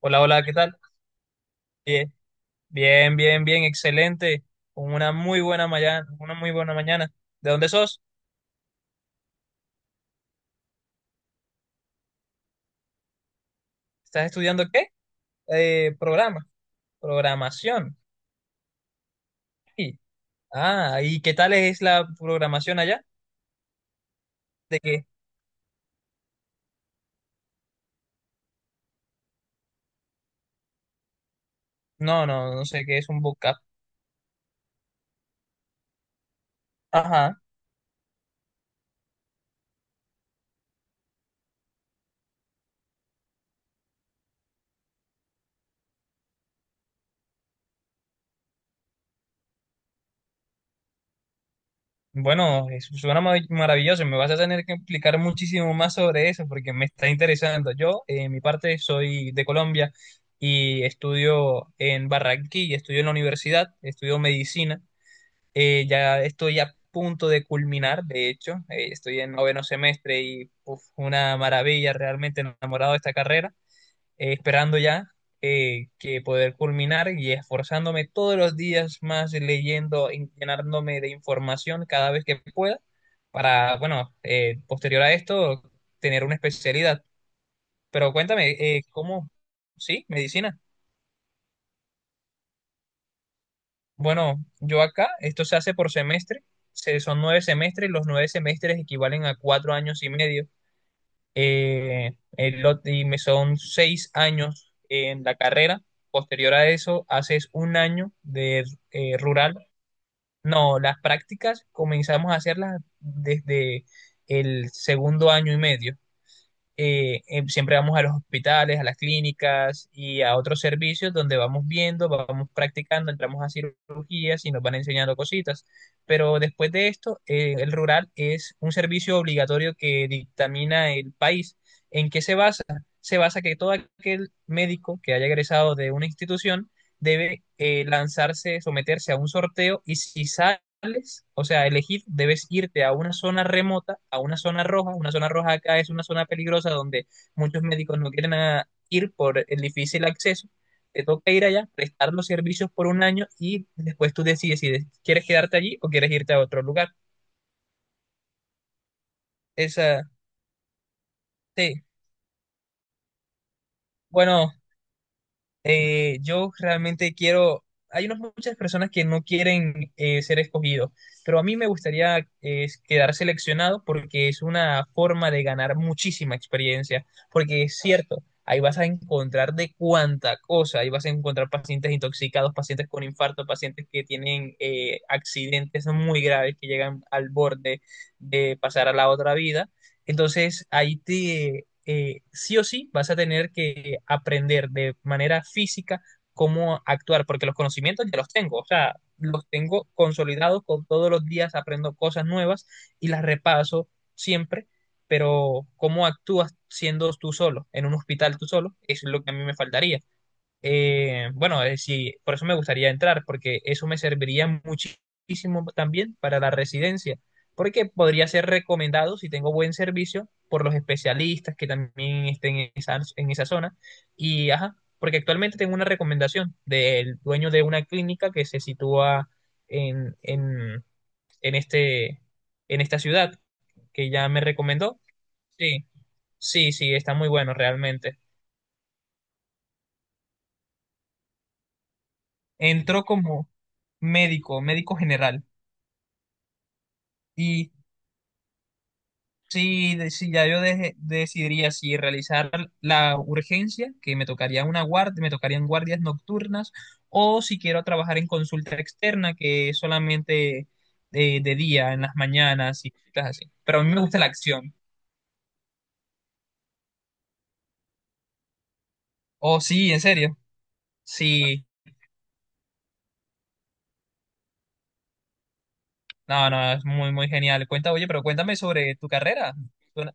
Hola, hola, ¿qué tal? Bien, bien, bien, bien, excelente. Con una muy buena mañana, una muy buena mañana. ¿De dónde sos? ¿Estás estudiando qué? Eh, programa, programación. Sí. Ah, ¿y qué tal es la programación allá? ¿De qué? No, no, no sé qué es un vocab. Ajá. Bueno, eso suena maravilloso. Me vas a tener que explicar muchísimo más sobre eso porque me está interesando. Yo, en mi parte, soy de Colombia y estudio en Barranquilla, estudio en la universidad, estudio medicina. Ya estoy a punto de culminar, de hecho, estoy en noveno semestre y uf, una maravilla, realmente enamorado de esta carrera, esperando ya que poder culminar y esforzándome todos los días más leyendo, y llenándome de información cada vez que pueda para, bueno, posterior a esto, tener una especialidad. Pero cuéntame, ¿cómo? ¿Sí? ¿Medicina? Bueno, yo acá, esto se hace por semestre, son nueve semestres, los nueve semestres equivalen a 4 años y medio, y me son 6 años en la carrera, posterior a eso haces un año de rural, no, las prácticas comenzamos a hacerlas desde el segundo año y medio, siempre vamos a los hospitales, a las clínicas y a otros servicios donde vamos viendo, vamos practicando, entramos a cirugías y nos van enseñando cositas. Pero después de esto, el rural es un servicio obligatorio que dictamina el país. ¿En qué se basa? Se basa que todo aquel médico que haya egresado de una institución debe lanzarse, someterse a un sorteo y si sale opcionales, o sea, elegir, debes irte a una zona remota, a una zona roja. Una zona roja acá es una zona peligrosa donde muchos médicos no quieren ir por el difícil acceso. Te toca ir allá, prestar los servicios por un año y después tú decides si quieres quedarte allí o quieres irte a otro lugar. Esa, sí. Bueno, yo realmente quiero, hay unas muchas personas que no quieren ser escogidos, pero a mí me gustaría quedar seleccionado porque es una forma de ganar muchísima experiencia, porque es cierto, ahí vas a encontrar de cuánta cosa, ahí vas a encontrar pacientes intoxicados, pacientes con infarto, pacientes que tienen accidentes muy graves que llegan al borde de pasar a la otra vida entonces, sí o sí vas a tener que aprender de manera física cómo actuar, porque los conocimientos ya los tengo, o sea, los tengo consolidados, con todos los días aprendo cosas nuevas y las repaso siempre, pero cómo actúas siendo tú solo, en un hospital tú solo, eso es lo que a mí me faltaría. Bueno, sí, por eso me gustaría entrar, porque eso me serviría muchísimo también para la residencia, porque podría ser recomendado si tengo buen servicio por los especialistas que también estén en esa zona. Y, ajá, porque actualmente tengo una recomendación del dueño de una clínica que se sitúa en, en, en este, en esta ciudad, que ya me recomendó. Sí, sí, sí, está muy bueno realmente. Entró como médico, médico general. Y sí, sí, ya yo decidiría si realizar la urgencia, que me tocaría una guardia, me tocarían guardias nocturnas, o si quiero trabajar en consulta externa, que es solamente de día, en las mañanas y cosas así. Pero a mí me gusta la acción. Oh, sí, en serio. Sí, no, no, es muy, muy genial. Cuenta, oye, pero cuéntame sobre tu carrera. Suena-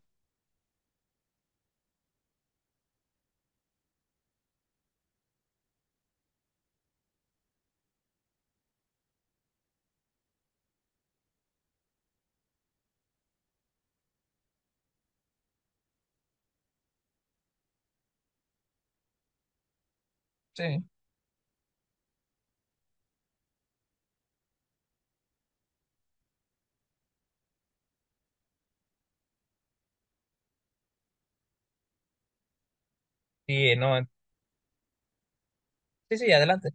Sí, sí, no, sí, sí, adelante.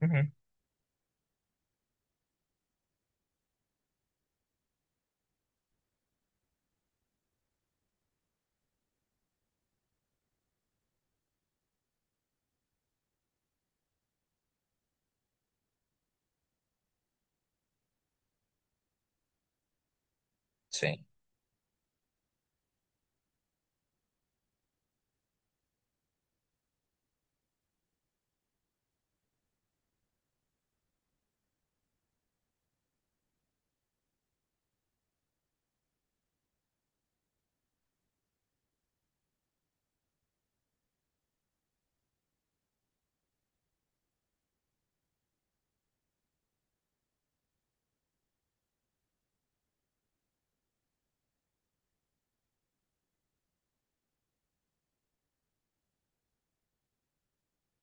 Ujú. Sí.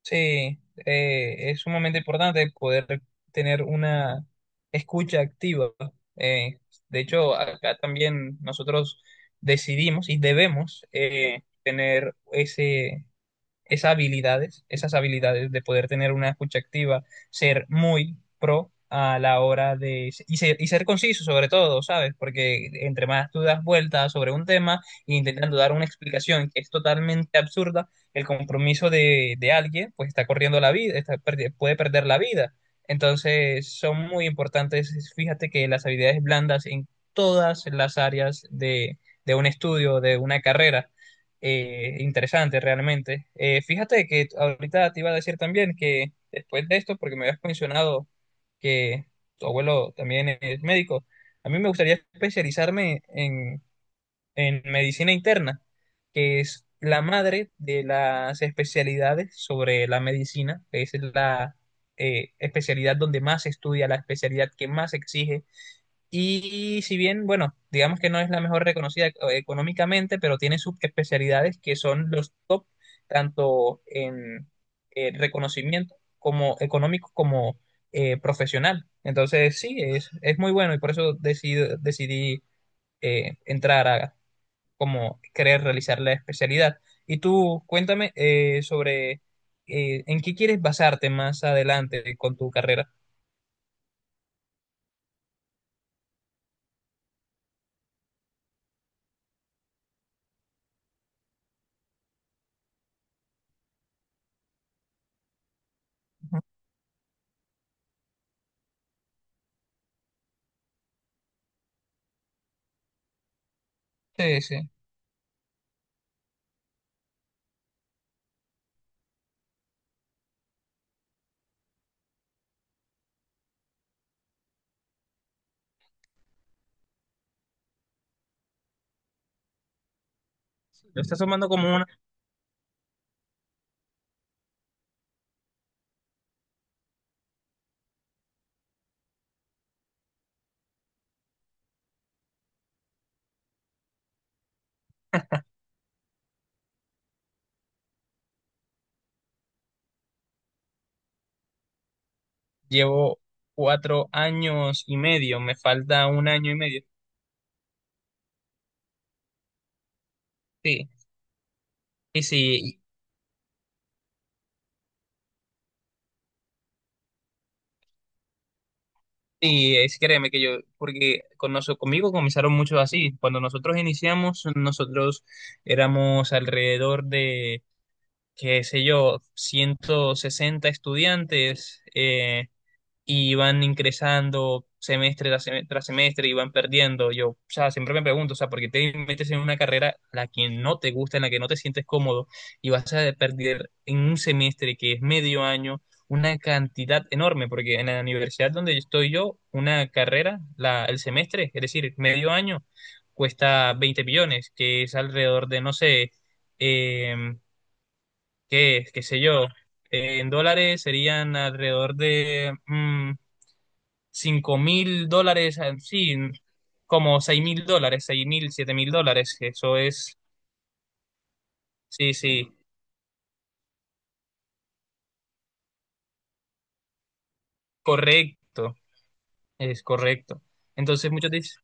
Sí, es sumamente importante poder tener una escucha activa. Eh, de hecho, acá también nosotros decidimos y debemos tener ese esas habilidades de poder tener una escucha activa, ser muy pro a la hora de... y ser conciso sobre todo, ¿sabes? Porque entre más tú das vueltas sobre un tema e intentando dar una explicación que es totalmente absurda, el compromiso de alguien pues está corriendo la vida, está puede perder la vida. Entonces son muy importantes, fíjate que las habilidades blandas en todas las áreas de un estudio, de una carrera interesante realmente. Fíjate que ahorita te iba a decir también que después de esto, porque me habías mencionado que tu abuelo también es médico, a mí me gustaría especializarme en medicina interna, que es la madre de las especialidades sobre la medicina, que es la especialidad donde más se estudia, la especialidad que más se exige y si bien, bueno, digamos que no es la mejor reconocida económicamente, pero tiene subespecialidades que son los top, tanto en reconocimiento como económico como profesional. Entonces, sí, es, muy bueno y por eso decidí entrar a como querer realizar la especialidad. Y tú, cuéntame sobre en qué quieres basarte más adelante con tu carrera. Ujú. Sí, sí. Lo estás tomando como Llevo 4 años y medio, me falta un año y medio. Sí, y sí, y es créeme que yo, porque con conmigo comenzaron muchos así. Cuando nosotros iniciamos, nosotros éramos alrededor de, qué sé yo, 160 estudiantes. Y van ingresando semestre tras semestre, tras semestre y van perdiendo. Yo, o sea, siempre me pregunto, o sea, ¿por qué te metes en una carrera a la que no te gusta, en la que no te sientes cómodo y vas a perder en un semestre que es medio año una cantidad enorme? Porque en la universidad donde estoy yo, una carrera, la, el semestre, es decir, medio año, cuesta 20 millones, que es alrededor de, no sé, em, qué sé yo. En dólares serían alrededor de 5.000 dólares, sí, como 6.000 dólares, 6.000, 7.000 dólares, eso es, sí, sí, correcto, es correcto. Entonces muchos dicen,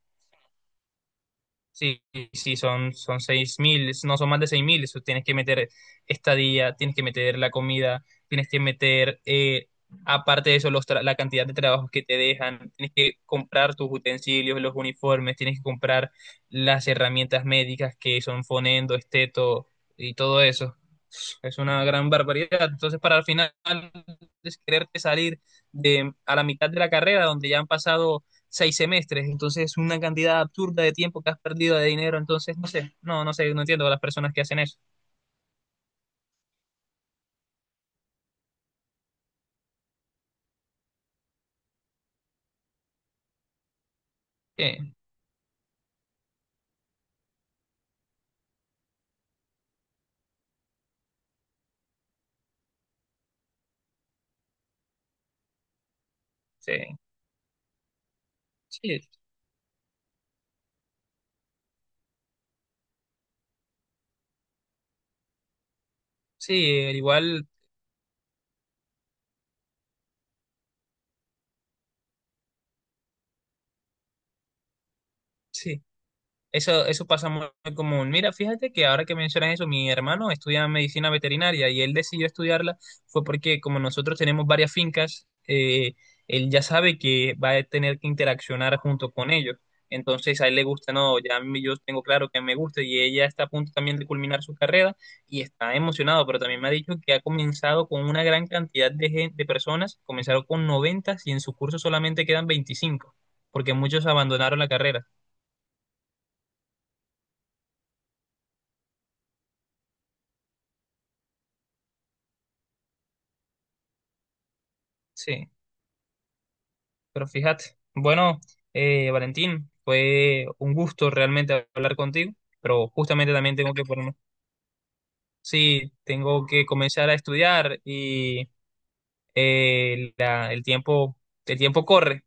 sí, sí, son 6.000, no son más de 6.000, eso tienes que meter estadía, tienes que meter la comida, tienes que meter, aparte de eso, la cantidad de trabajos que te dejan, tienes que comprar tus utensilios, los uniformes, tienes que comprar las herramientas médicas que son fonendo, esteto y todo eso. Es una gran barbaridad. Entonces, para al final es quererte salir de, a la mitad de la carrera, donde ya han pasado seis semestres, entonces es una cantidad absurda de tiempo que has perdido de dinero, entonces no sé, no, no sé, no entiendo a las personas que hacen eso. Sí, sí, sí, sí, al igual, sí, eso pasa muy común. Mira, fíjate que ahora que mencionas eso, mi hermano estudia medicina veterinaria y él decidió estudiarla fue porque como nosotros tenemos varias fincas, él ya sabe que va a tener que interaccionar junto con ellos. Entonces a él le gusta, no, ya yo tengo claro que me gusta y ella está a punto también de culminar su carrera y está emocionado, pero también me ha dicho que ha comenzado con una gran cantidad de, de personas, comenzaron con 90 y en su curso solamente quedan 25 porque muchos abandonaron la carrera. Sí. Pero fíjate, bueno, Valentín, fue un gusto realmente hablar contigo, pero justamente también tengo que ponerme, sí, tengo que comenzar a estudiar y eh, la- el tiempo, el tiempo corre.